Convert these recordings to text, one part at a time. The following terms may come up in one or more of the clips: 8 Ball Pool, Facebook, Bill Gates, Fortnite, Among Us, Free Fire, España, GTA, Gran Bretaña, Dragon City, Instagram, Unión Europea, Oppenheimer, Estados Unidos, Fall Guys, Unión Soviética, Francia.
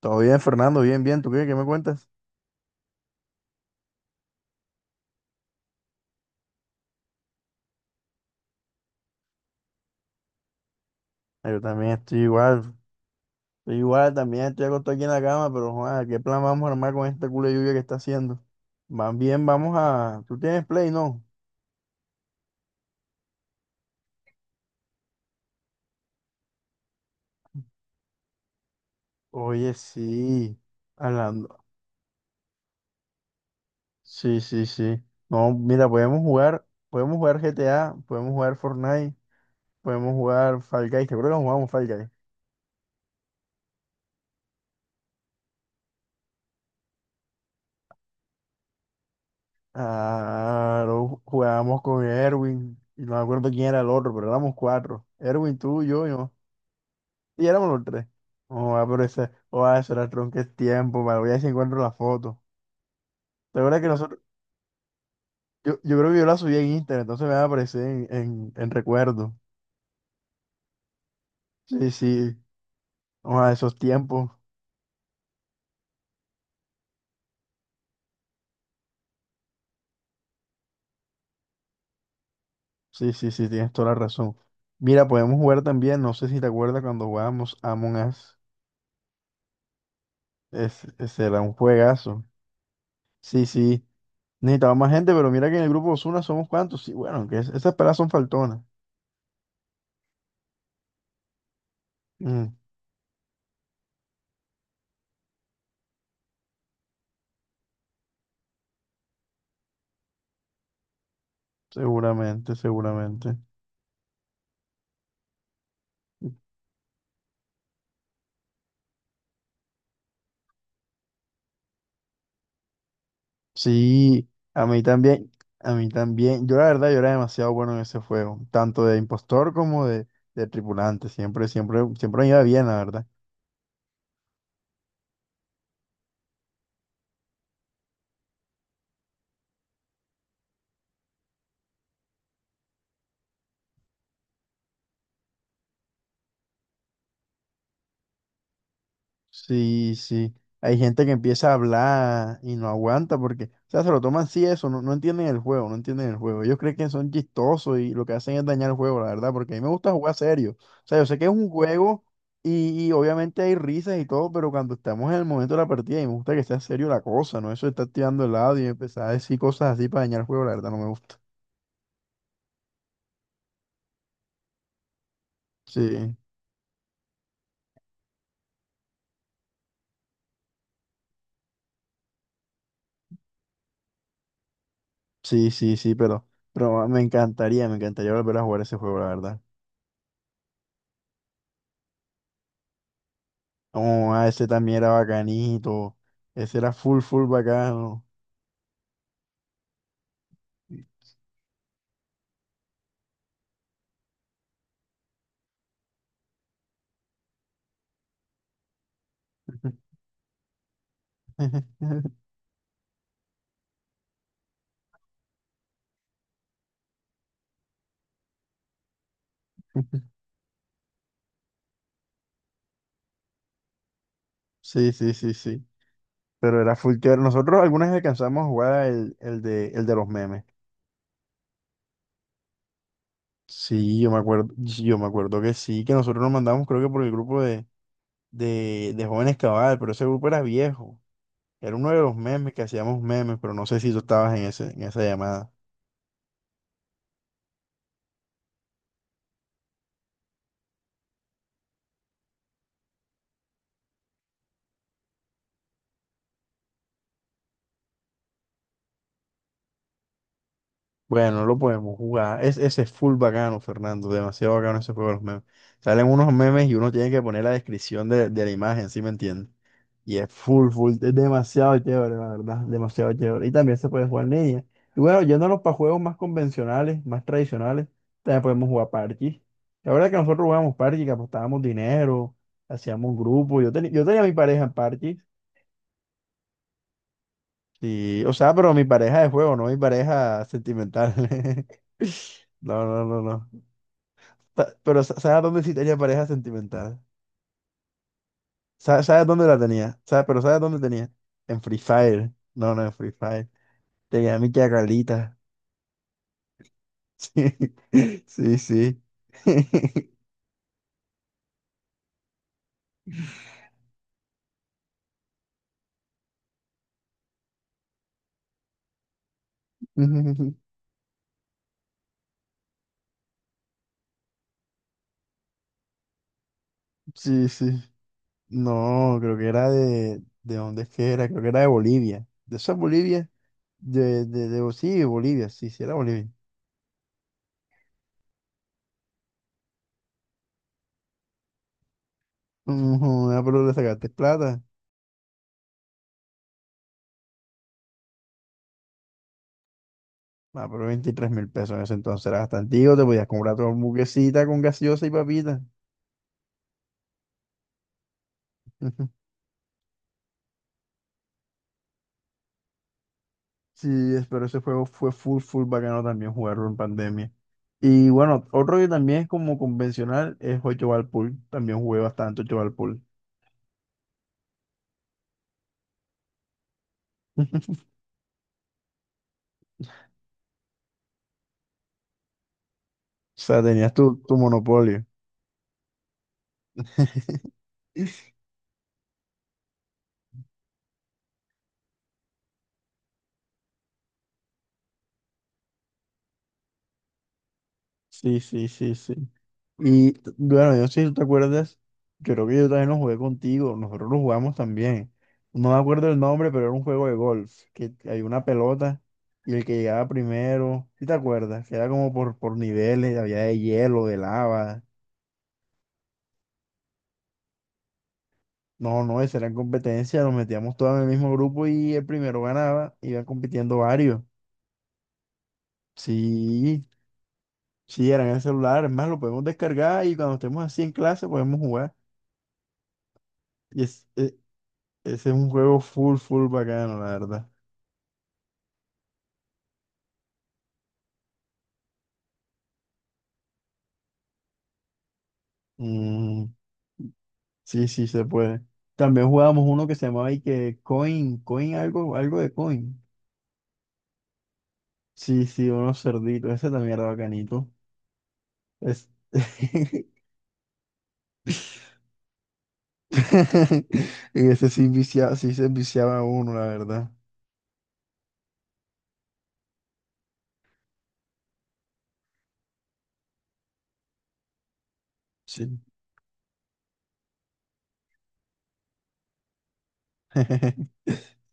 Todo bien, Fernando, bien, bien. ¿Tú qué? ¿Qué me cuentas? Ah, yo también estoy igual. Estoy igual, también estoy acostado aquí en la cama, pero joder, ¿qué plan vamos a armar con esta culo de lluvia que está haciendo? Más bien, ¿Tú tienes play, no? Oye, sí. Hablando. Sí, sí, sí. No, mira, podemos jugar GTA, podemos jugar Fortnite, podemos jugar Fall Guys. ¿Te acuerdas que jugamos Fall Guys? Claro, jugábamos con Erwin, y no me acuerdo quién era el otro, pero éramos cuatro. Erwin, tú, yo. Y éramos los tres. Oh, ah, pero eso era tronque tiempo, vale, voy a ver si encuentro la foto. ¿Te acuerdas que yo creo que yo la subí en Instagram, entonces me va a aparecer en recuerdo. Sí, sí, oh, ah, esos tiempos. Sí, sí, sí, tienes toda la razón. Mira, podemos jugar también, no sé si te acuerdas cuando jugábamos Among Us, ese era un juegazo. Sí, sí, necesitaba más gente, pero mira que en el grupo Osuna somos cuantos. Sí, bueno, que esas pelas son faltonas. Mm, Seguramente, seguramente. Sí, a mí también, a mí también. Yo la verdad, yo era demasiado bueno en ese juego, tanto de impostor como de tripulante. Siempre, siempre, siempre me iba bien, la verdad. Sí, sí. Hay gente que empieza a hablar y no aguanta porque, o sea, se lo toman así eso, no, no entienden el juego, no entienden el juego. Ellos creen que son chistosos y lo que hacen es dañar el juego, la verdad, porque a mí me gusta jugar serio. O sea, yo sé que es un juego y obviamente hay risas y todo, pero cuando estamos en el momento de la partida y me gusta que sea serio la cosa, ¿no? Eso de estar tirando el lado y empezar a decir cosas así para dañar el juego, la verdad, no me gusta. Sí, sí, sí, sí, pero me encantaría volver a jugar ese juego, la verdad. Oh, ah, ese también era bacanito. Ese era full, full bacano. Sí, sí, sí, sí. Pero era full chévere. Nosotros algunas vez alcanzamos a jugar el de los memes. Sí, yo me acuerdo, sí, yo me acuerdo que sí, que nosotros nos mandamos, creo que por el grupo de jóvenes cabal, pero ese grupo era viejo. Era uno de los memes que hacíamos memes, pero no sé si tú estabas en ese, en esa llamada. Bueno, no lo podemos jugar. Ese es full bacano, Fernando. Demasiado bacano ese juego de los memes. Salen unos memes y uno tiene que poner la descripción de la imagen, ¿sí me entiendes? Y es full, full. Es demasiado chévere, la verdad. Demasiado chévere. Y también se puede jugar en línea. Y bueno, yéndonos para juegos más convencionales, más tradicionales, también podemos jugar parches. La verdad es que nosotros jugábamos parches, que apostábamos dinero, hacíamos grupos. Yo tenía mi pareja en parches. Sí, o sea, pero mi pareja de juego, no mi pareja sentimental. No, no, no, no. Pero ¿sabes dónde sí tenía pareja sentimental? ¿Sabes dónde la tenía? ¿Sabes? Pero ¿sabes dónde tenía? En Free Fire. No, no, en Free Fire. Tenía a mi y a Carlita. Sí, sí, sí. Sí, sí. No, creo que era de. ¿De dónde es que era? Creo que era de Bolivia. ¿De esa Bolivia? Sí, Bolivia. Sí, sí, era Bolivia. Ujú, ah, pero le sacaste plata. Ah, pero $23.000 en ese entonces era bastante. Te podías comprar tu hamburguesita con gaseosa y papita. Sí, pero ese juego fue full, full bacano también jugarlo en pandemia. Y bueno, otro que también es como convencional es 8 Ball Pool. También jugué bastante 8 Ball Pool. O sea, tenías tu monopolio. Sí, sí, sí, sí. Y bueno, yo sí, ¿te acuerdas? Yo creo que yo también lo jugué contigo, nosotros lo jugamos también. No me acuerdo el nombre, pero era un juego de golf, que hay una pelota y el que llegaba primero, ¿sí te acuerdas? Que era como por niveles, había de hielo, de lava. No, no, esa era competencia, nos metíamos todos en el mismo grupo y el primero ganaba, iban compitiendo varios. Sí, sí, eran en el celular, es más, lo podemos descargar y cuando estemos así en clase podemos jugar. Y ese es un juego full, full bacano, la verdad. Mm, sí, sí, se puede. También jugábamos uno que se llamaba y que Coin, Coin algo, de Coin. Sí, sí, unos cerditos, ese también era bacanito. Es... En ese sí, sí se viciaba uno, la verdad. Sí.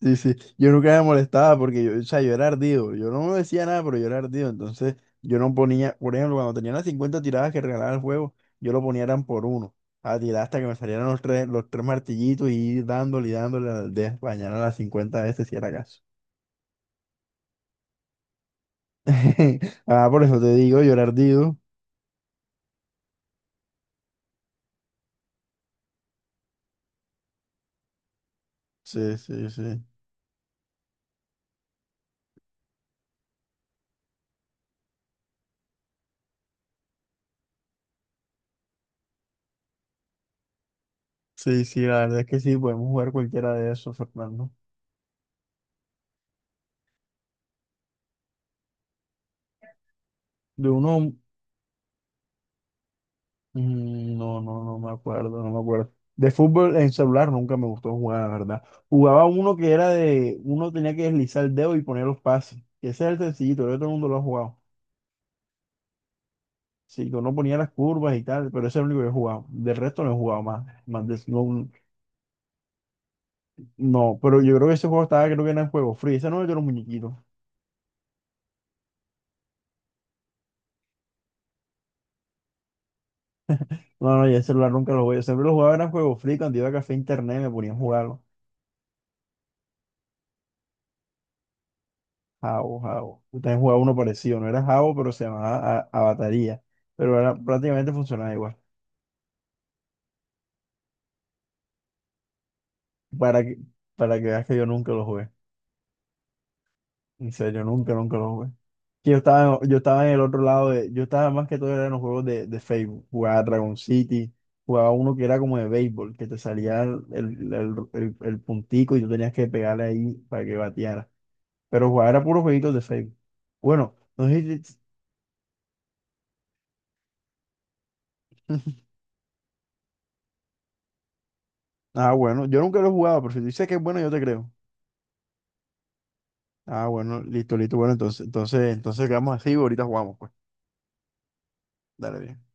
Sí, sí. Yo nunca me molestaba porque yo, o sea, yo era ardido. Yo no me decía nada, pero yo era ardido. Entonces, yo no ponía, por ejemplo, cuando tenía las 50 tiradas que regalaba el juego, yo lo ponía eran por uno. A tirar hasta que me salieran los tres martillitos y ir dándole y dándole al de mañana a las 50 veces si era caso. Ah, por eso te digo, yo era ardido. Sí, sí, sí. Sí, sí, la verdad es que sí, podemos jugar cualquiera de esos, Fernando. De uno, no, no, no me acuerdo, no me acuerdo. De fútbol en celular nunca me gustó jugar, la verdad. Jugaba uno que era de, uno tenía que deslizar el dedo y poner los pases, que ese es el sencillito, el otro mundo lo ha jugado. Sí, que uno ponía las curvas y tal, pero ese es el único que he jugado. Del resto no he jugado más. No, no, pero yo creo que ese juego estaba, creo que era en juego free. Ese no era de los muñequitos. No, no, yo el celular nunca lo jugué. Yo siempre lo jugaba era en juego free. Cuando iba a café internet me ponía a jugar Jabo, Jabo. Yo también jugaba uno parecido, no era Jabo, pero se llamaba Avataría. Pero era, prácticamente funcionaba igual. Para que, para que veas que yo nunca lo jugué. En serio, nunca, nunca lo jugué. Que yo estaba en el otro lado de, yo estaba más que todo era en los juegos de Facebook. Jugaba Dragon City, jugaba uno que era como de béisbol, que te salía el puntico y tú tenías que pegarle ahí para que bateara. Pero jugaba era puros jueguitos de Facebook. Bueno, no sé. Ah, bueno, yo nunca lo he jugado, pero si tú dices que es bueno, yo te creo. Ah, bueno, listo, listo. Bueno, entonces quedamos así y ahorita jugamos, pues. Dale bien.